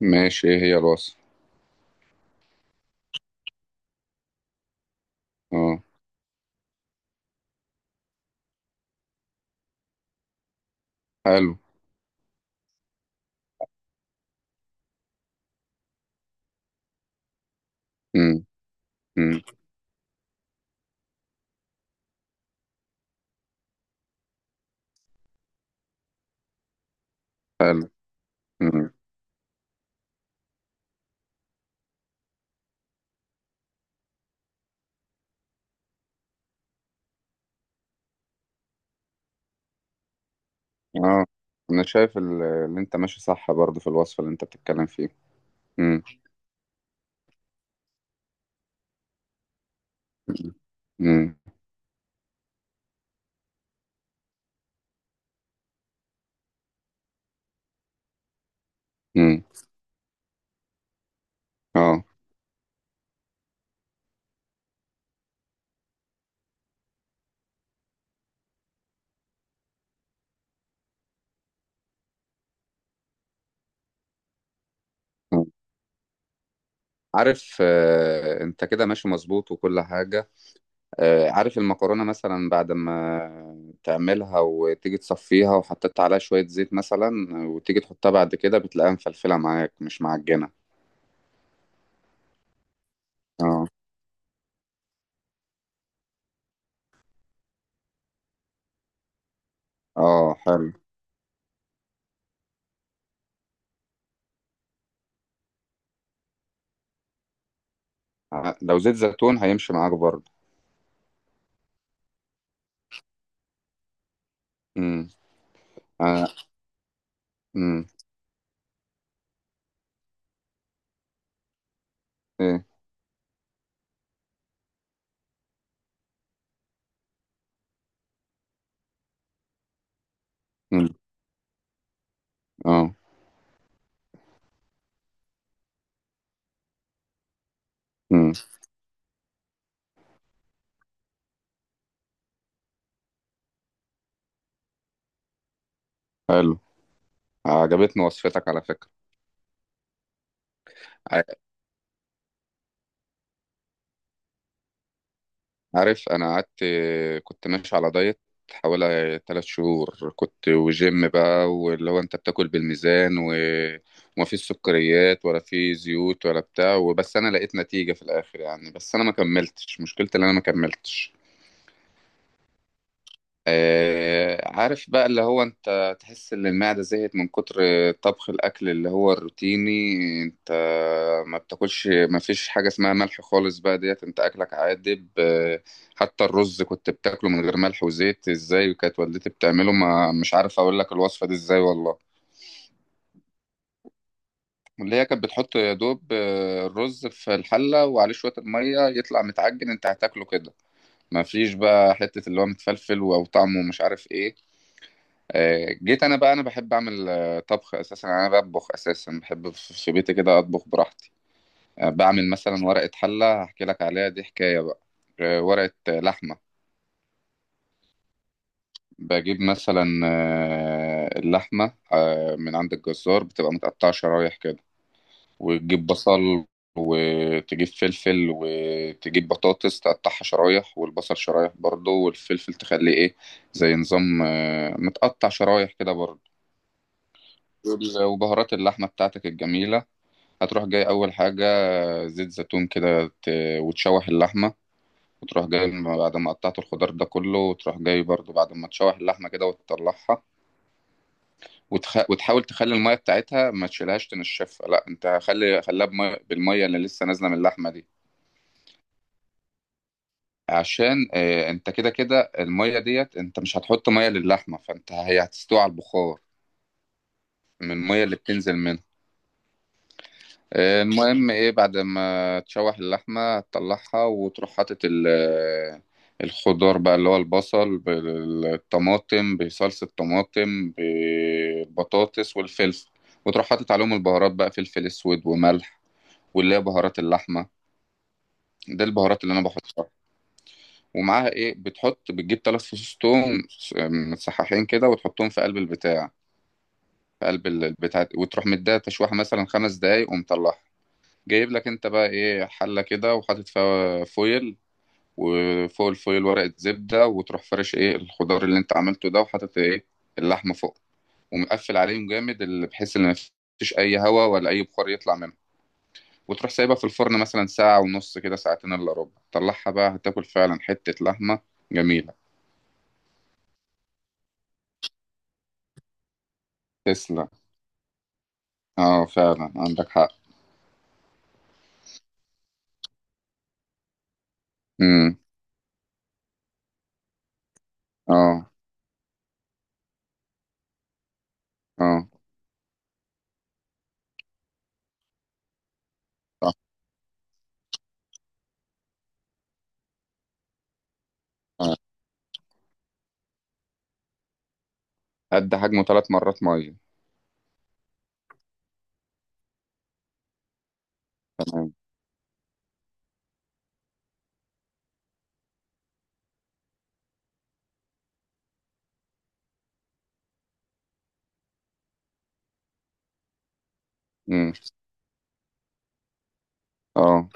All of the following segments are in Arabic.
ماشي، ايه هي الوصفة؟ اه، حلو. امم. امم. حلو. امم. اه، انا شايف اللي انت ماشي صح برضه في الوصفة اللي انت بتتكلم فيه. امم. امم. امم. اه. آه. عارف، انت كده ماشي مظبوط وكل حاجة. عارف المكرونة مثلا بعد ما تعملها وتيجي تصفيها وحطيت عليها شوية زيت مثلا، وتيجي تحطها بعد كده بتلاقيها مفلفلة معاك مش معجنة. اه. اه، حلو. لو زيت زيتون هيمشي معاك برضه. امم. امم. ايه. مم. اه. امم. حلو. عجبتني وصفتك على فكرة. ع- عارف انا قعدت كنت ماشي على دايت حوالي 3 شهور، كنت وجيم بقى، واللي هو انت بتاكل بالميزان وما فيش سكريات ولا في زيوت ولا بتاع وبس، انا لقيت نتيجة في الاخر يعني، بس انا ما كملتش، مشكلتي ان انا ما كملتش. عارف بقى اللي هو انت تحس ان المعدة زهقت من كتر طبخ الاكل اللي هو الروتيني، انت ما بتاكلش، ما فيش حاجة اسمها ملح خالص بقى، ديت انت اكلك عادب. حتى الرز كنت بتاكله من غير ملح وزيت، ازاي كانت والدتي بتعمله؟ ما مش عارف اقول لك الوصفة دي ازاي والله. اللي هي كانت بتحط يا دوب، الرز في الحلة وعليه شوية المية يطلع متعجن، انت هتاكله كده، ما فيش بقى حتة اللي هو متفلفل او طعمه مش عارف ايه. جيت انا بقى، انا بحب اعمل، طبخ اساسا، يعني انا بطبخ اساسا، بحب في بيتي كده اطبخ براحتي. بعمل مثلا ورقة حلة، هحكي لك عليها دي حكاية بقى. ورقة، لحمة. بجيب مثلا، اللحمة، من عند الجزار بتبقى متقطعة شرايح كده، وتجيب بصل، وتجيب فلفل، وتجيب بطاطس، تقطعها شرايح والبصل شرايح برضه، والفلفل تخليه ايه، زي نظام، متقطع شرايح كده برضه. وبهارات اللحمة بتاعتك الجميلة هتروح جاي أول حاجة، زيت زيتون كده، وتشوح اللحمة. وتروح جاي بعد ما قطعت الخضار ده كله، وتروح جاي برضو بعد ما تشوح اللحمة كده وتطلعها. وتحاول تخلي المية بتاعتها، ما تشيلهاش، تنشفها لا، انت خليها بالمية اللي لسه نازلة من اللحمة دي. عشان انت كده المية ديت انت مش هتحط مية للحمة، فانت هي هتستوي على البخار من المية اللي بتنزل منها. المهم ايه، بعد ما تشوح اللحمة تطلعها، وتروح حاطط الخضار بقى، اللي هو البصل بالطماطم بصلصة طماطم بالبطاطس والفلفل، وتروح حاطط عليهم البهارات بقى، فلفل اسود وملح واللي هي بهارات اللحمة، ده البهارات اللي انا بحطها. ومعاها ايه، بتجيب 3 فصوص توم متصححين كده، وتحطهم في قلب البتاع، في قلب البتاع، وتروح مديها تشويحة مثلا 5 دقايق ومطلعها. جايب لك انت بقى ايه حله كده، وحاطط فيها فويل، وفوق الفويل ورقه زبده، وتروح فرش ايه الخضار اللي انت عملته ده، وحاطط ايه اللحمه فوق، ومقفل عليهم جامد اللي بحيث ان مفيش اي هواء ولا اي بخار يطلع منها، وتروح سايبها في الفرن مثلا ساعه ونص كده، ساعتين الا ربع، طلعها بقى، هتاكل فعلا حته لحمه جميله. تسلم. اه، فعلا عندك حق. امم. اه. اه، صح. آه. قد حجمه 3 مرات ميه. تمام. امم. اه.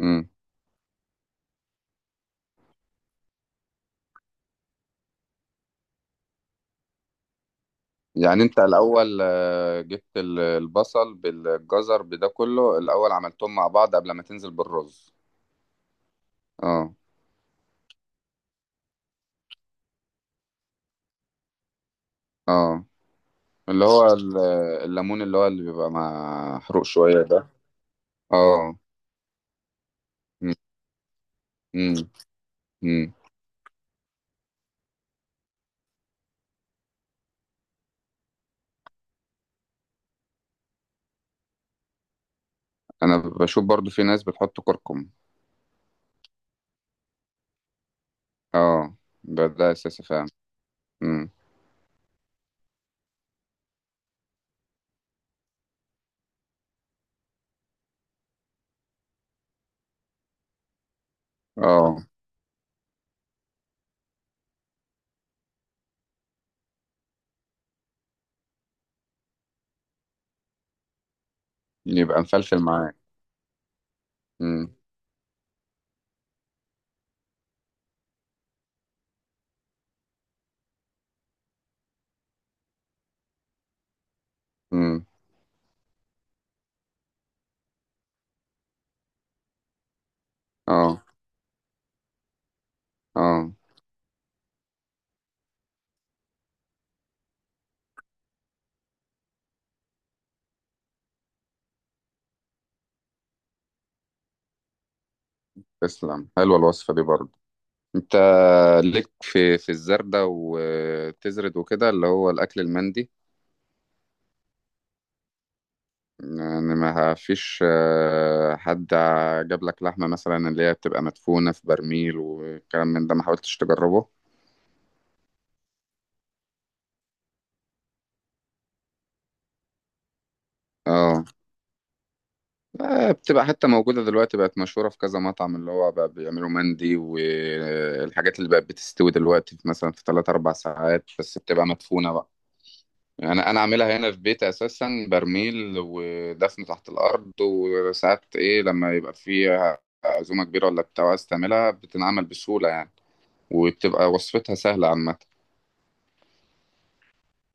امم. يعني انت الاول، جبت البصل بالجزر بده كله الاول عملتهم مع بعض قبل ما تنزل بالرز؟ اه. اه، اللي هو الليمون اللي هو اللي بيبقى محروق شوية ده. اه. مم، مم، مم. انا بشوف برضو في ناس بتحط كركم. اه، ده اساسي فعلا. مم. اه، يبقى مفلفل معاك. مم، مم. اه. اه، تسلم، حلوة الوصفة دي برضو. انت ليك في الزردة وتزرد وكده اللي هو الاكل المندي؟ يعني ما فيش، حد جاب لك لحمة مثلا اللي هي بتبقى مدفونة في برميل والكلام من ده، ما حاولتش تجربه؟ اه. بتبقى حتى موجودة دلوقتي، بقت مشهورة في كذا مطعم اللي هو بقى بيعملوا مندي، والحاجات اللي بقت بتستوي دلوقتي في مثلا في 3 4 ساعات بس، بتبقى مدفونة بقى. انا عاملها هنا في بيتي اساسا برميل ودفن تحت الارض، وساعات ايه لما يبقى فيها عزومه كبيره ولا بتاع عايز تعملها، بتنعمل بسهوله يعني، وبتبقى وصفتها سهله عامه.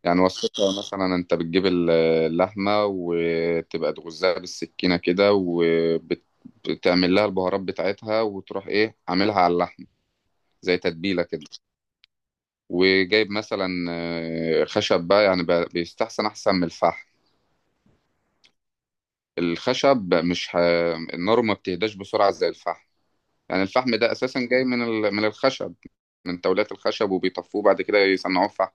يعني وصفتها مثلا، انت بتجيب اللحمه وتبقى تغزها بالسكينه كده، وبتعمل لها البهارات بتاعتها، وتروح ايه عاملها على اللحمه زي تتبيله كده. وجايب مثلا، خشب بقى، يعني بيستحسن احسن من الفحم. الخشب مش ه... النار ما بتهداش بسرعة زي الفحم، يعني الفحم ده أساسا جاي من من الخشب، من تولات الخشب، وبيطفوه بعد كده يصنعوه فحم.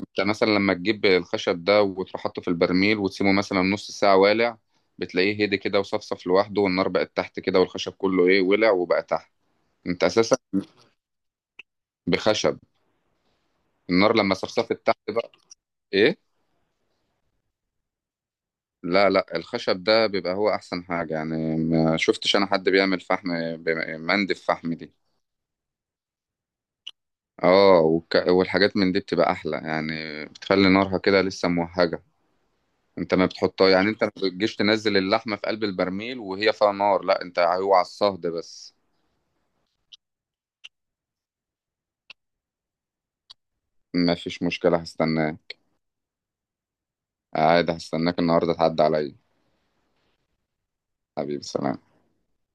انت مثلا لما تجيب الخشب ده وتروح حاطه في البرميل وتسيبه مثلا نص ساعة والع، بتلاقيه هدي كده وصفصف لوحده، والنار بقت تحت كده، والخشب كله ايه ولع وبقى تحت. انت أساسا بخشب، النار لما صفصفت تحت بقى. ايه. لا لا، الخشب ده بيبقى هو أحسن حاجة، يعني ما شفتش أنا حد بيعمل فحم مندف فحم دي. اه، والحاجات من دي بتبقى احلى يعني، بتخلي نارها كده لسه موهجه. انت ما بتحطها، يعني انت ما بتجيش تنزل اللحمه في قلب البرميل وهي فيها نار، لا، انت هو على الصهد بس. ما فيش مشكله، هستناه. عادي، هستناك النهارده تعدي عليا. حبيبي، سلام.